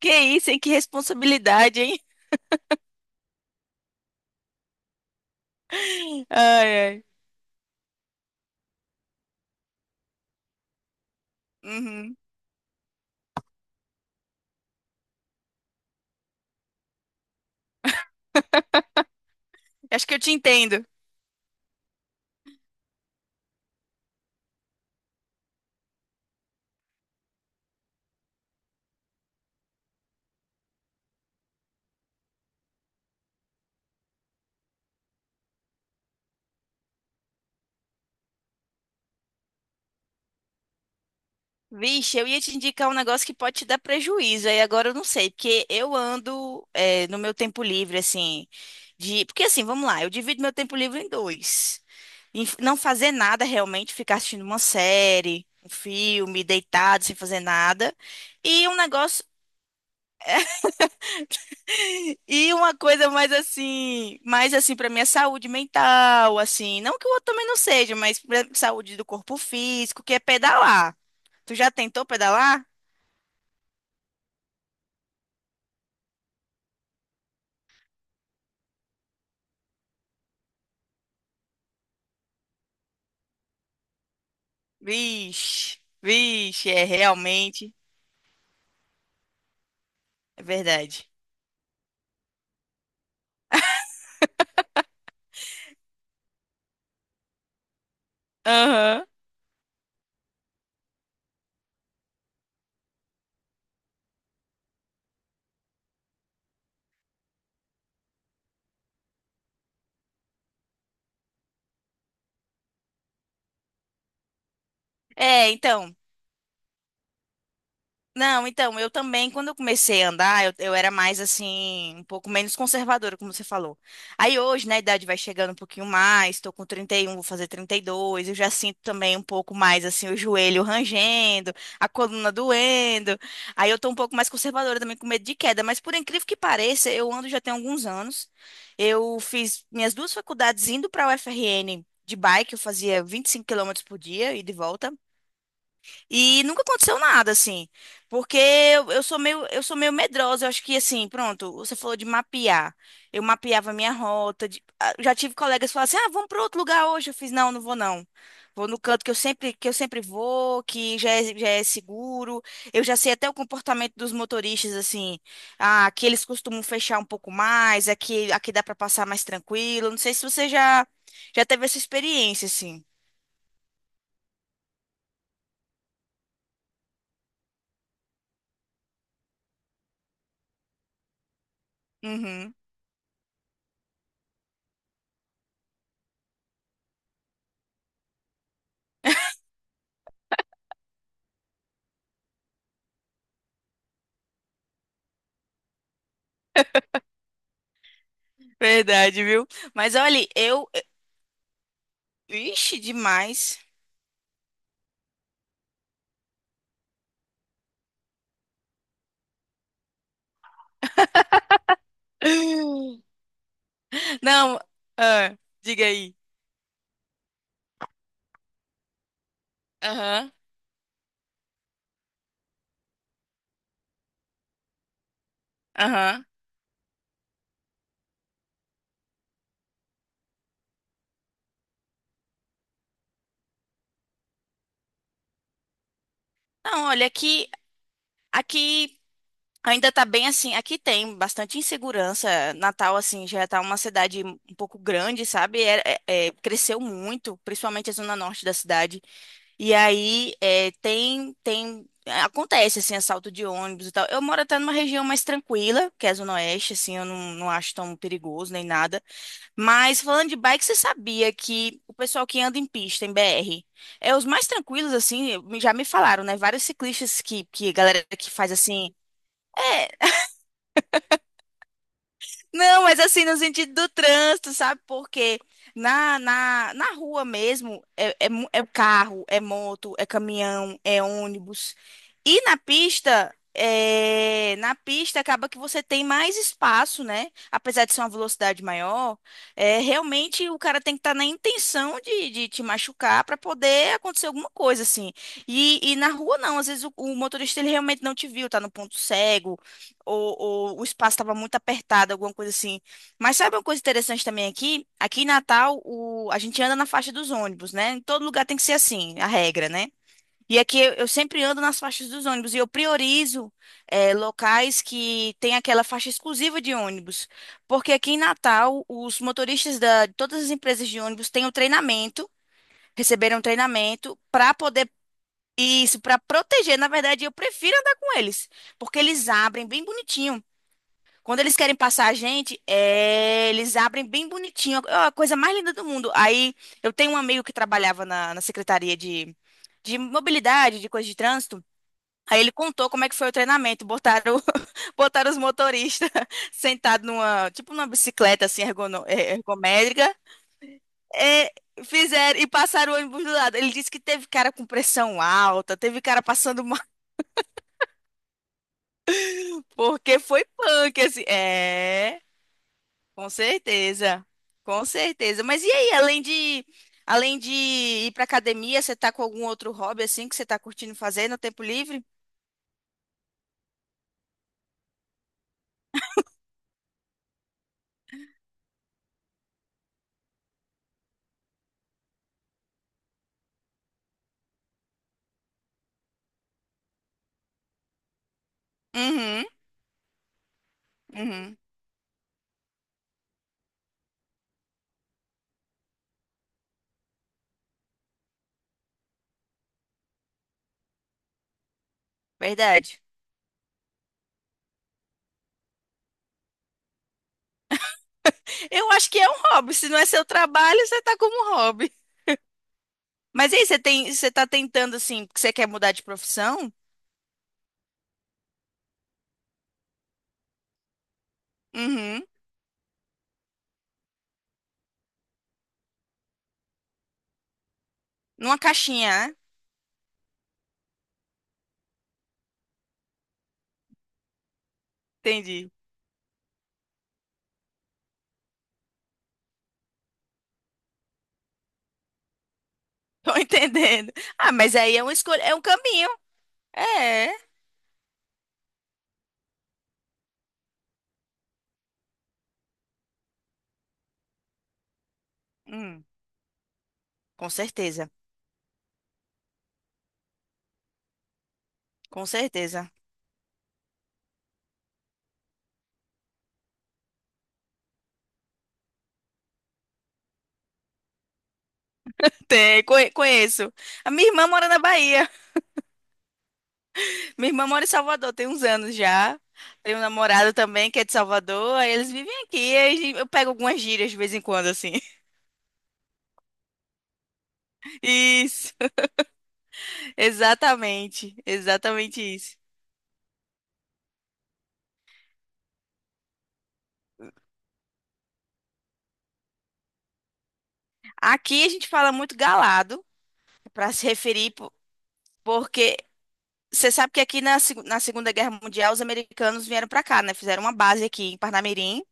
Que isso, hein? Que responsabilidade, hein? Ai, ai. Uhum. Acho que eu te entendo. Vixe, eu ia te indicar um negócio que pode te dar prejuízo, aí agora eu não sei, porque eu ando é, no meu tempo livre, assim, Porque assim, vamos lá, eu divido meu tempo livre em dois. Em não fazer nada realmente, ficar assistindo uma série, um filme, deitado, sem fazer nada. E um negócio, E uma coisa mais assim para minha saúde mental, assim, não que o outro também não seja, mas pra saúde do corpo físico, que é pedalar. Tu já tentou pedalar? Vixe, vixe, é realmente, é verdade. Aham. É, então. Não, então, eu também, quando eu comecei a andar, eu era mais assim, um pouco menos conservadora, como você falou. Aí hoje, né, a idade vai chegando um pouquinho mais, tô com 31, vou fazer 32. Eu já sinto também um pouco mais assim o joelho rangendo, a coluna doendo. Aí eu tô um pouco mais conservadora também com medo de queda, mas por incrível que pareça, eu ando já tem alguns anos. Eu fiz minhas duas faculdades indo para a UFRN de bike, eu fazia 25 km por dia e de volta. E nunca aconteceu nada, assim. Porque eu sou meio medrosa. Eu acho que, assim, pronto, você falou de mapear. Eu mapeava a minha rota. Já tive colegas que falaram assim: ah, vamos para outro lugar hoje. Eu fiz: não, não vou, não. Vou no canto que eu sempre vou, que já é seguro. Eu já sei até o comportamento dos motoristas, assim. Ah, aqui eles costumam fechar um pouco mais, aqui, aqui dá para passar mais tranquilo. Não sei se você já teve essa experiência, assim. Uhum. Verdade, viu? Mas olha, eu vixe, demais. Não, ah, diga aí. Aham, aham. Não, olha, aqui, aqui ainda tá bem assim. Aqui tem bastante insegurança. Natal, assim, já tá uma cidade um pouco grande, sabe? Cresceu muito, principalmente a zona norte da cidade. E aí é, tem. Acontece, assim, assalto de ônibus e tal. Eu moro até numa região mais tranquila, que é a Zona Oeste, assim, eu não acho tão perigoso nem nada. Mas falando de bike, você sabia que o pessoal que anda em pista, em BR, é os mais tranquilos, assim, já me falaram, né? Vários ciclistas que a galera que faz assim. É, não, mas assim, no sentido do trânsito, sabe? Porque na, na rua mesmo é carro, é moto, é caminhão, é ônibus. E na pista, na pista acaba que você tem mais espaço, né? Apesar de ser uma velocidade maior, realmente o cara tem que estar na intenção de, te machucar para poder acontecer alguma coisa, assim. E na rua não, às vezes o motorista ele realmente não te viu, tá no ponto cego ou, ou o espaço estava muito apertado, alguma coisa assim. Mas sabe uma coisa interessante também aqui? Aqui em Natal, a gente anda na faixa dos ônibus, né? Em todo lugar tem que ser assim, a regra, né? E aqui eu sempre ando nas faixas dos ônibus e eu priorizo locais que tem aquela faixa exclusiva de ônibus. Porque aqui em Natal, os motoristas de todas as empresas de ônibus têm um treinamento, receberam um treinamento para poder. Isso, para proteger, na verdade, eu prefiro andar com eles, porque eles abrem bem bonitinho. Quando eles querem passar a gente, eles abrem bem bonitinho, é a coisa mais linda do mundo. Aí eu tenho um amigo que trabalhava na Secretaria de Mobilidade, de coisa de trânsito. Aí ele contou como é que foi o treinamento. Botaram, botaram os motoristas sentados numa, tipo numa bicicleta assim, ergométrica. É, fizeram e passaram o ônibus do lado. Ele disse que teve cara com pressão alta, teve cara passando mal, porque foi punk, assim. É. Com certeza, com certeza. Mas e aí, além de ir pra academia, você tá com algum outro hobby assim que você tá curtindo fazer no tempo livre? Uhum, uhum, verdade. Eu acho que é um hobby. Se não é seu trabalho, você tá como um hobby. Mas e aí, você tá tentando assim, porque você quer mudar de profissão? Uhum. Numa caixinha, né? Entendi. Tô entendendo. Ah, mas aí é uma escolha, é um caminho. É. Hum, com certeza, com certeza. Tem, conheço. A minha irmã mora na Bahia. Minha irmã mora em Salvador, tem uns anos já. Tem um namorado também que é de Salvador. Aí eles vivem aqui. Aí eu pego algumas gírias de vez em quando, assim. Isso, exatamente. Exatamente isso. Aqui a gente fala muito galado para se referir, porque você sabe que aqui na Segunda Guerra Mundial os americanos vieram para cá, né? Fizeram uma base aqui em Parnamirim.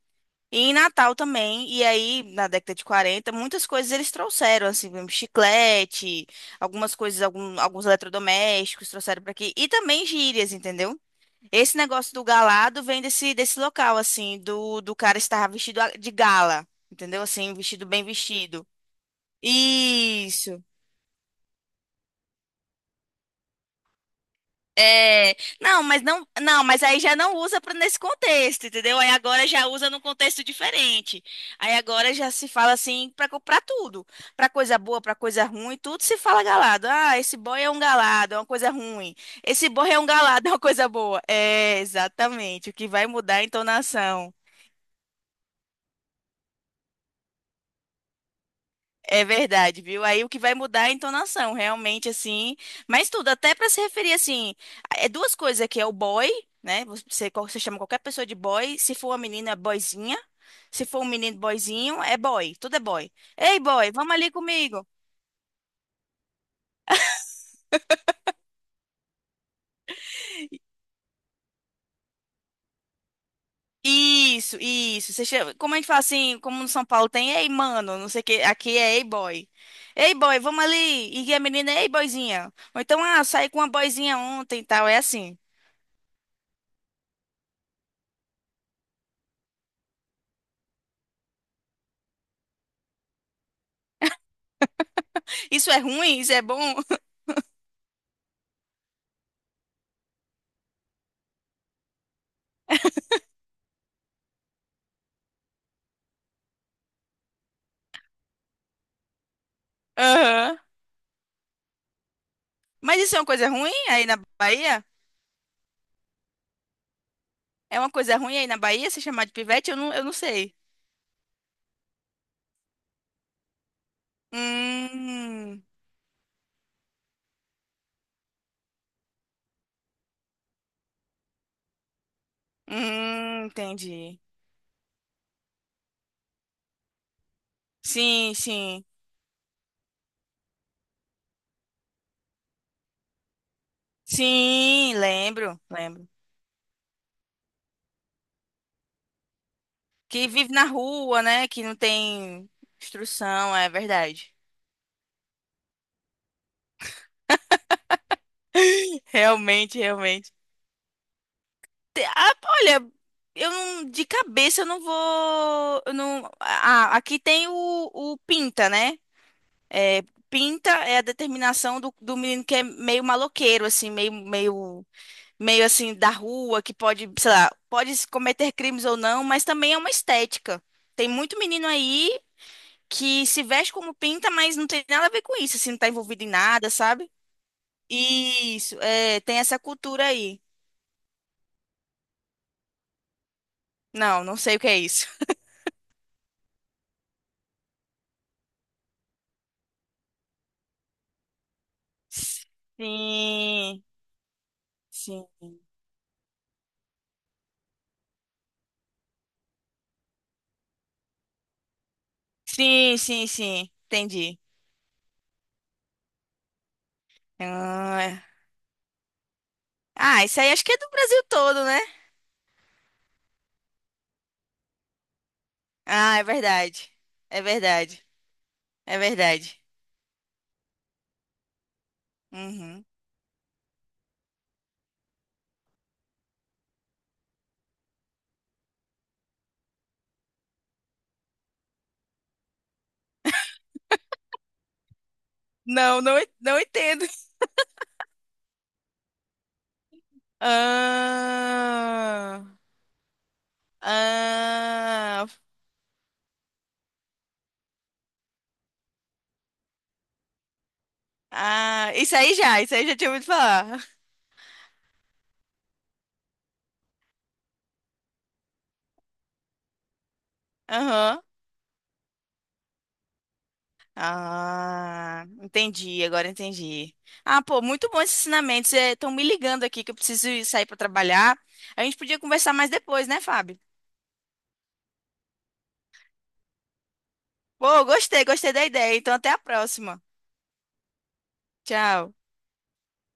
E em Natal também, e aí na década de 40 muitas coisas eles trouxeram, assim, mesmo chiclete, algumas coisas, alguns eletrodomésticos trouxeram para aqui, e também gírias, entendeu? Esse negócio do galado vem desse local, assim, do cara estar vestido de gala, entendeu? Assim, vestido bem vestido. Isso. É, não, mas não, não, mas aí já não usa pra nesse contexto, entendeu? Aí agora já usa num contexto diferente. Aí agora já se fala assim pra comprar tudo, pra coisa boa, pra coisa ruim, tudo se fala galado. Ah, esse boy é um galado, é uma coisa ruim. Esse boy é um galado, é uma coisa boa. É, exatamente, o que vai mudar é a entonação. É verdade, viu? Aí o que vai mudar é a entonação, realmente, assim. Mas tudo, até para se referir, assim, é duas coisas aqui, é o boy, né? Você chama qualquer pessoa de boy, se for uma menina, é boyzinha. Se for um menino, boyzinho, é boy, tudo é boy. Ei, boy, vamos ali comigo. Isso, isso. Você chama- como a gente fala assim, como no São Paulo tem, ei, mano, não sei o que, aqui é ei, boy. Ei, boy, vamos ali. E a menina, ei, boyzinha. Ou então, ah, saí com uma boyzinha ontem e tal, é assim. Isso é ruim? Isso é bom? Aham. Mas isso é uma coisa ruim aí na Bahia? É uma coisa ruim aí na Bahia se chamar de pivete? Eu não sei. Hum, entendi. Sim, sim. Sim, lembro, lembro. Que vive na rua, né? Que não tem instrução, é verdade. Realmente, realmente. Ah, olha, eu não, de cabeça eu não vou. Eu não, ah, aqui tem o Pinta, né? É, Pinta é a determinação do menino que é meio maloqueiro, assim, meio, meio assim, da rua, que pode, sei lá, pode cometer crimes ou não, mas também é uma estética. Tem muito menino aí que se veste como pinta, mas não tem nada a ver com isso, assim, não tá envolvido em nada, sabe? Isso, é, tem essa cultura aí. Não, não sei o que é isso. Sim, sim. Sim, sim, sim. Entendi. Ah, é. Ah, isso aí acho que é do Brasil todo, né? Ah, é verdade. É verdade. É verdade. Uhum. Não, não, não entendo. Ah, ah, ah, isso aí já tinha ouvido falar. Aham. Ah, entendi, agora entendi. Ah, pô, muito bom esses ensinamentos. Estão me ligando aqui que eu preciso ir sair para trabalhar. A gente podia conversar mais depois, né, Fábio? Pô, gostei, gostei da ideia. Então, até a próxima. Tchau.